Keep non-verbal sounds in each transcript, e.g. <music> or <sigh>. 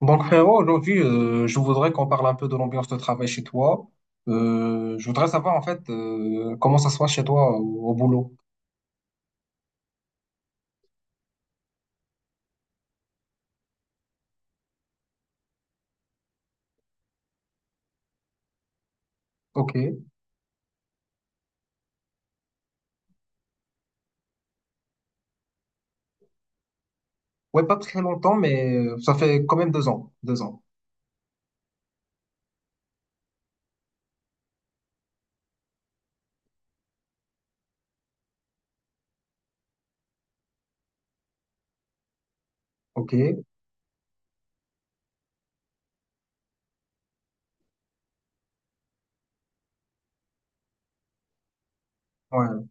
Donc, frérot, aujourd'hui, je voudrais qu'on parle un peu de l'ambiance de travail chez toi. Je voudrais savoir, en fait, comment ça se passe chez toi au boulot. OK. Ouais, pas très longtemps, mais ça fait quand même deux ans. Deux ans. OK. Ouais. Ouais,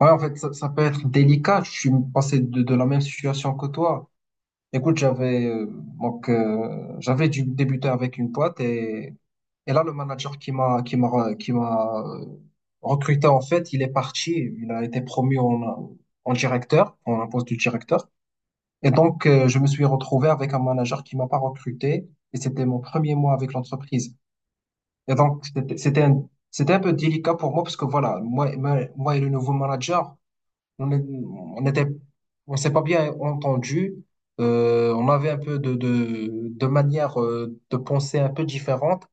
en fait, ça peut être délicat. Je suis passé de la même situation que toi. Écoute, j'avais donc j'avais dû débuter avec une boîte Et là, le manager qui m'a recruté, en fait, il est parti. Il a été promu en directeur, en un poste de directeur. Et donc, je me suis retrouvé avec un manager qui m'a pas recruté. Et c'était mon premier mois avec l'entreprise. Et donc, c'était un peu délicat pour moi parce que voilà, moi et le nouveau manager, on est- on était, on s'est pas bien entendu. On avait un peu de manière de penser un peu différente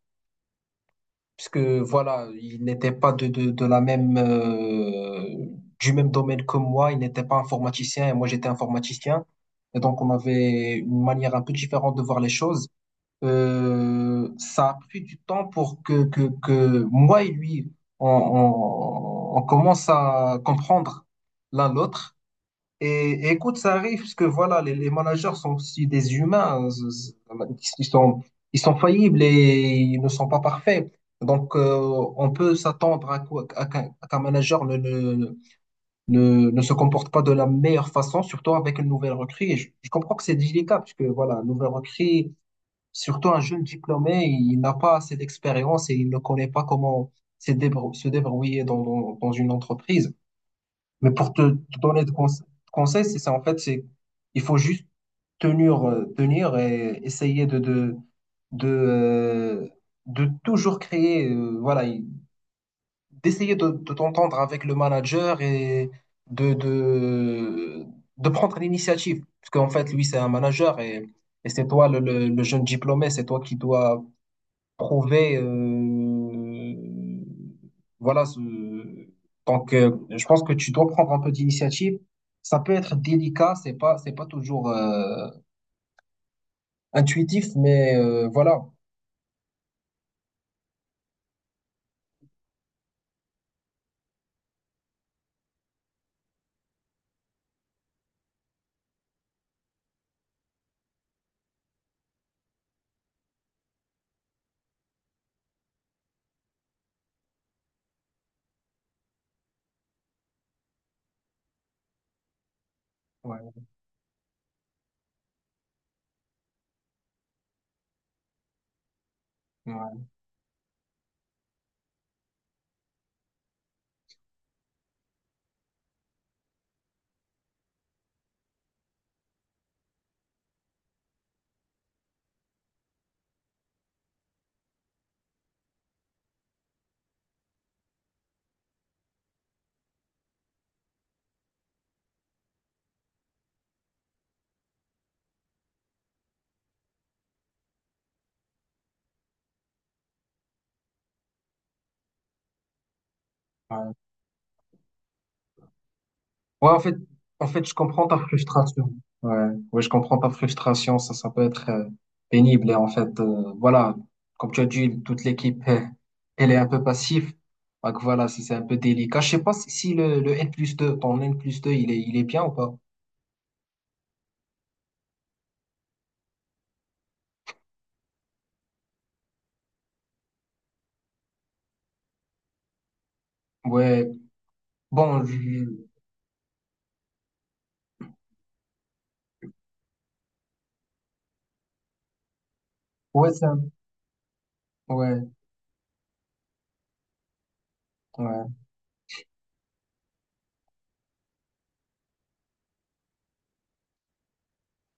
puisque voilà, il n'était pas de la même, du même domaine que moi, il n'était pas informaticien et moi j'étais informaticien. Et donc on avait une manière un peu différente de voir les choses. Ça a pris du temps pour que moi et lui, on commence à comprendre l'un l'autre. Et écoute, ça arrive parce que voilà, les managers sont aussi des humains, hein. Z- z- Ils sont, ils sont faillibles et ils ne sont pas parfaits. Donc, on peut s'attendre à qu'un manager ne se comporte pas de la meilleure façon, surtout avec une nouvelle recrue. Et je comprends que c'est délicat parce que voilà, une nouvelle recrue, surtout un jeune diplômé, il n'a pas assez d'expérience et il ne connaît pas comment se débrouiller dans une entreprise. Mais pour te donner de conseils, c'est ça, en fait, c'est, il faut juste tenir, tenir et essayer de, euh, de toujours créer, voilà, d'essayer de t'entendre avec le manager et de, de, de prendre l'initiative. Parce qu'en fait, lui, c'est un manager et c'est toi, le jeune diplômé, c'est toi qui dois prouver, voilà, donc, je pense que tu dois prendre un peu d'initiative. Ça peut être délicat, c'est pas toujours intuitif, mais voilà. Ouais, ouais, ouais. Ouais, en fait, je comprends ta frustration. Ouais, ouais, je comprends ta frustration. Ça peut être pénible. Et en fait, voilà, comme tu as dit, toute l'équipe, elle est un peu passive. Donc voilà, c'est un peu délicat. Je sais pas si le, le N plus 2 ton N plus deux, il est bien ou pas? Ouais, bon. Ouais, ouais, ouais.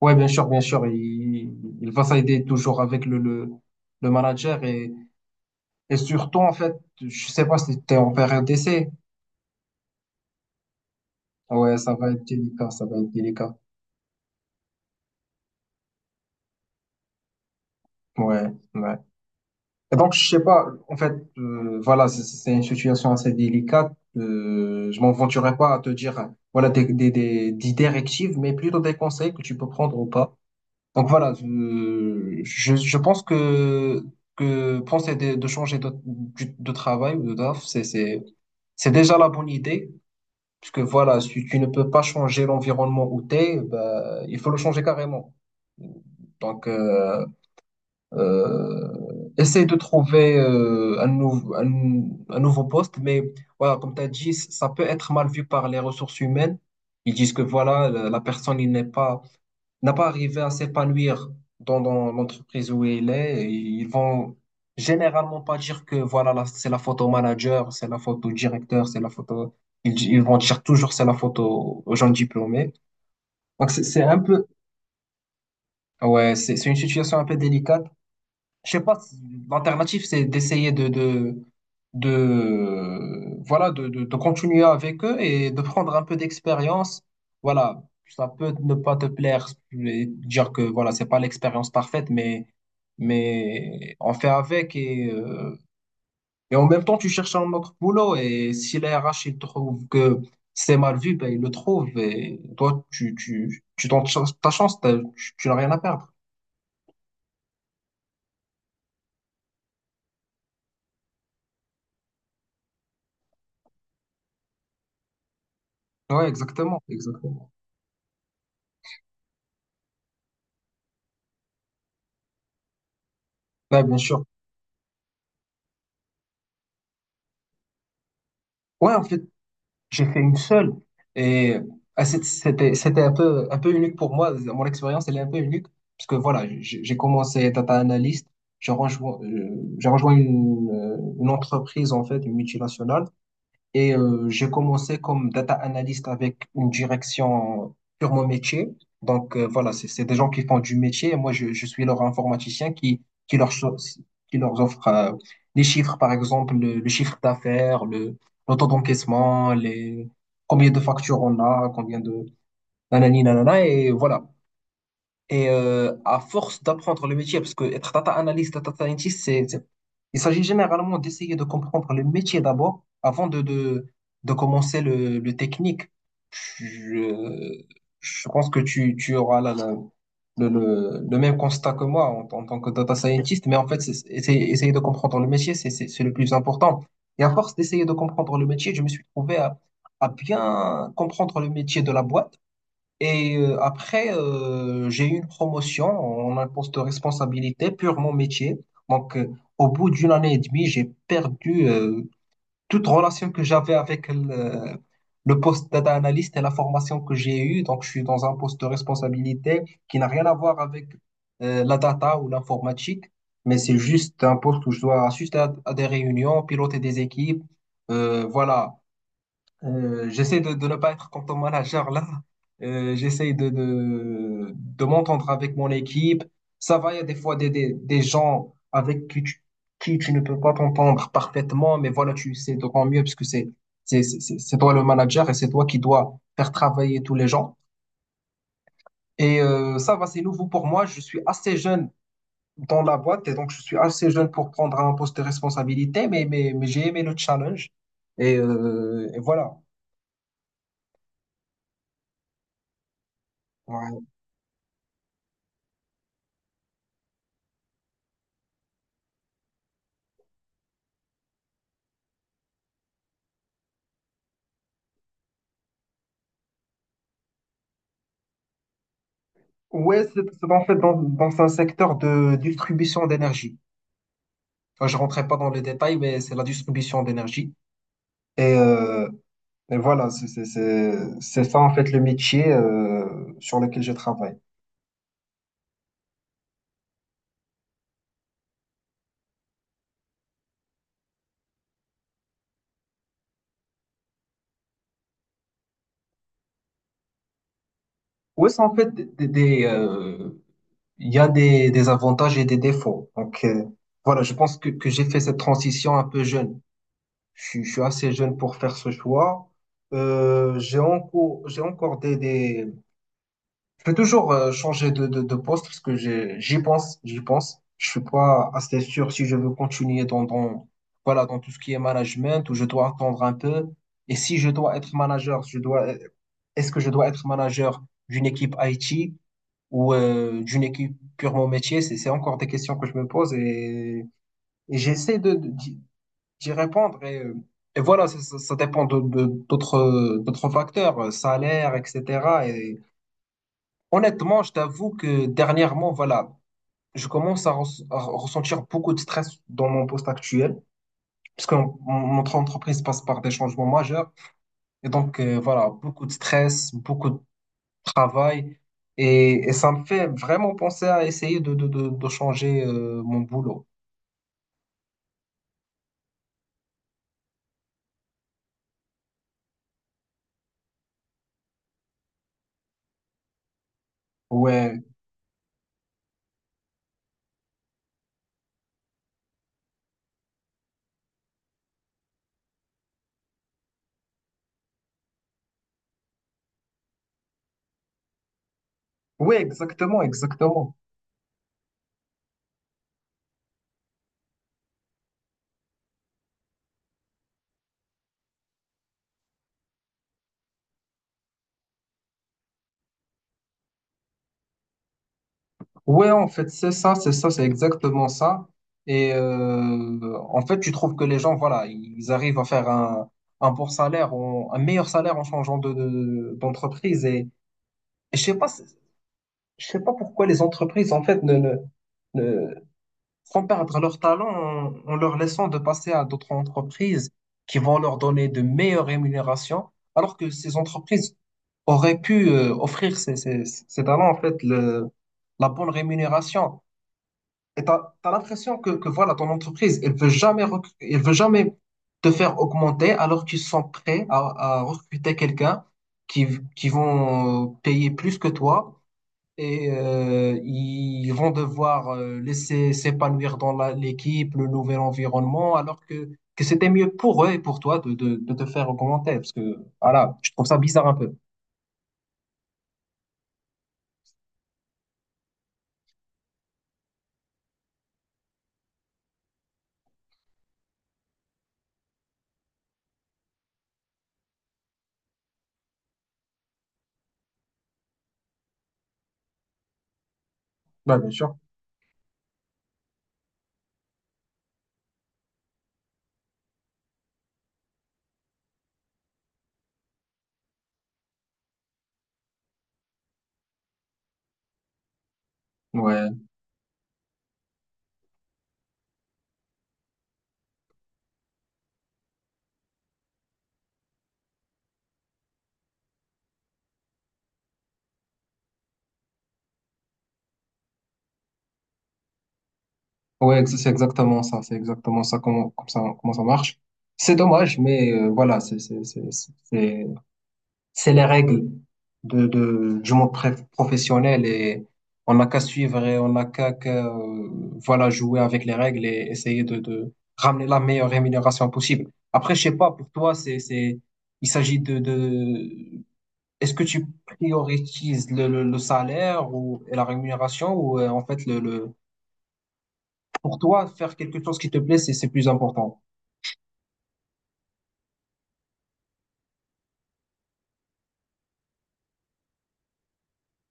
Ouais, bien sûr, bien sûr. Il va s'aider toujours avec le manager et surtout, en fait, je sais pas si t'es en période d'essai. Ouais, ça va être délicat, ça va être délicat. Ouais, ouais. Et donc, je sais pas, en fait, voilà, c'est une situation assez délicate. Je m'aventurerai pas à te dire, voilà, des directives, mais plutôt des conseils que tu peux prendre ou pas. Donc, voilà, je pense que penser de changer de travail ou de taf, c'est déjà la bonne idée. Parce que voilà, si tu ne peux pas changer l'environnement où t'es, bah, il faut le changer carrément. Donc, Euh, essaye de trouver, un nouveau poste, mais voilà, comme tu as dit, ça peut être mal vu par les ressources humaines. Ils disent que voilà, la personne il n'est pas, n'a pas arrivé à s'épanouir dans l'entreprise où elle est. Et ils vont généralement pas dire que voilà, là, c'est la faute au manager, c'est la faute au directeur, c'est la faute Ils vont dire toujours c'est la faute aux gens diplômés. Donc c'est un peu, ouais, c'est une situation un peu délicate. Je sais pas, l'alternative, c'est d'essayer voilà, de continuer avec eux et de prendre un peu d'expérience. Voilà, ça peut ne pas te plaire, et dire que voilà, c'est pas l'expérience parfaite, mais on fait avec et en même temps, tu cherches un autre boulot et si les RH, ils trouvent que c'est mal vu, ben, ils le trouvent et toi, tu tentes ta chance, tu n'as rien à perdre. Ouais, exactement, exactement. Ouais, bien sûr. Ouais, en fait, j'ai fait une seule. Et c'était un peu unique pour moi. Mon expérience, elle est un peu unique. Parce que voilà, j'ai commencé data analyst. J'ai rejoint, euh, j'ai rejoint une entreprise, en fait, une multinationale. Et j'ai commencé comme data analyst avec une direction purement métier. Donc, voilà, c'est des gens qui font du métier. Et moi, je suis leur informaticien qui, qui, leur, so- qui leur offre, les chiffres, par exemple, le chiffre d'affaires, le taux d'encaissement, les, combien de factures on a, combien de... Nanani, nanana, et voilà. Et à force d'apprendre le métier, parce que être data analyst, data scientist, il s'agit généralement d'essayer de comprendre le métier d'abord, avant de commencer le technique. Je, je pense que tu auras le même constat que moi en tant que data scientist, mais en fait, essayer de comprendre le métier, c'est le plus important. Et à force d'essayer de comprendre le métier, je me suis trouvé à bien comprendre le métier de la boîte et après, j'ai eu une promotion en un poste de responsabilité, purement métier. Donc, au bout d'une année et demie, j'ai perdu, toute relation que j'avais avec le poste data analyst et la formation que j'ai eue. Donc, je suis dans un poste de responsabilité qui n'a rien à voir avec, la data ou l'informatique, mais c'est juste un poste où je dois assister à des réunions, piloter des équipes. Voilà, j'essaie de ne pas être comme Thomas manager là. J'essaie de m'entendre avec mon équipe. Ça va, il y a des fois des gens avec qui tu ne peux pas t'entendre parfaitement, mais voilà, tu sais d'autant mieux puisque c'est toi le manager et c'est toi qui dois faire travailler tous les gens. Et ça va, c'est nouveau pour moi. Je suis assez jeune dans la boîte et donc je suis assez jeune pour prendre un poste de responsabilité, mais j'ai aimé le challenge. Et voilà. Ouais. Ouais, c'est en fait dans un secteur de distribution d'énergie. Enfin, je rentrais pas dans les détails, mais c'est la distribution d'énergie. Et, euh, et voilà, c'est ça en fait le métier, sur lequel je travaille. Ouais, c'est en fait il y a des avantages et des défauts. Donc, voilà, je pense que j'ai fait cette transition un peu jeune. Je suis assez jeune pour faire ce choix. J'ai encore je vais toujours, changer de poste parce que j'y pense. Je suis pas assez sûr si je veux continuer voilà, dans tout ce qui est management ou je dois attendre un peu. Et si je dois être manager, est-ce que je dois être manager d'une équipe IT ou d'une équipe purement métier? C'est encore des questions que je me pose et j'essaie d'y répondre. Et voilà, ça dépend d'autres facteurs, salaire, etc. Honnêtement, je t'avoue que dernièrement, voilà, je commence à ressentir beaucoup de stress dans mon poste actuel, puisque notre entreprise passe par des changements majeurs. Et donc, voilà, beaucoup de stress, beaucoup de travail. Et ça me fait vraiment penser à essayer de changer, mon boulot. Ouais, ouais, exactement, exactement. Ouais, en fait, c'est exactement ça. Et, en fait, tu trouves que les gens, voilà, ils arrivent à faire un bon salaire, un meilleur salaire en changeant d'entreprise. Et je sais pas, je sais pas pourquoi les entreprises, en fait, ne font perdre leur talent en leur laissant de passer à d'autres entreprises qui vont leur donner de meilleures rémunérations, alors que ces entreprises auraient pu, offrir ces talents, en fait, la bonne rémunération. Et t'as l'impression que voilà, ton entreprise, elle veut jamais, elle veut jamais te faire augmenter alors qu'ils sont prêts à recruter quelqu'un qui vont, payer plus que toi et, ils vont devoir, laisser s'épanouir dans l'équipe, le nouvel environnement, alors que c'était mieux pour eux et pour toi de te faire augmenter. Parce que, voilà, je trouve ça bizarre un peu. Ouais, bien sûr. Ouais. Ouais, c'est exactement ça comment, comme ça, comment ça marche. C'est dommage, mais, voilà, c'est les règles de du monde professionnel et on n'a qu'à suivre et on n'a qu'à, voilà, jouer avec les règles et essayer de ramener la meilleure rémunération possible. Après, je sais pas pour toi, c'est il s'agit de est-ce que tu prioritises le le salaire ou et la rémunération ou, en fait le pour toi, faire quelque chose qui te plaît, c'est plus important.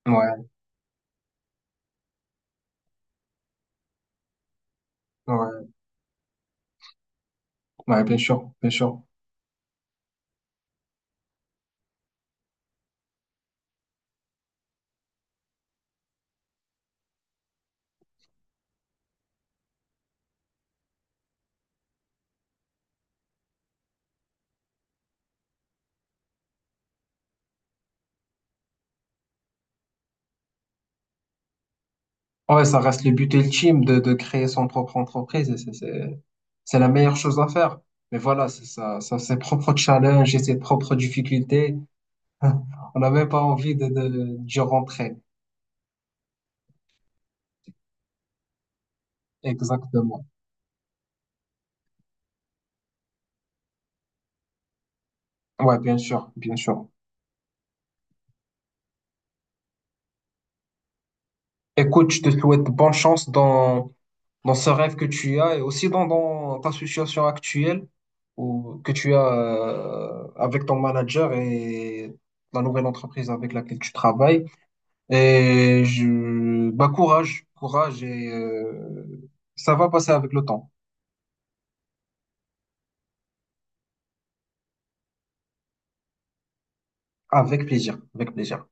Ouais, ouais, ouais, bien sûr, bien sûr. Ouais, ça reste le but ultime de créer son propre entreprise. Et c'est la meilleure chose à faire. Mais voilà, ça, ses propres challenges et ses propres difficultés. <laughs> On n'a même pas envie d'y rentrer. Exactement. Ouais, bien sûr, bien sûr. Écoute, je te souhaite bonne chance dans ce rêve que tu as et aussi dans ta situation actuelle ou que tu as, avec ton manager et la nouvelle entreprise avec laquelle tu travailles. Et bah, courage, courage et, ça va passer avec le temps. Avec plaisir, avec plaisir.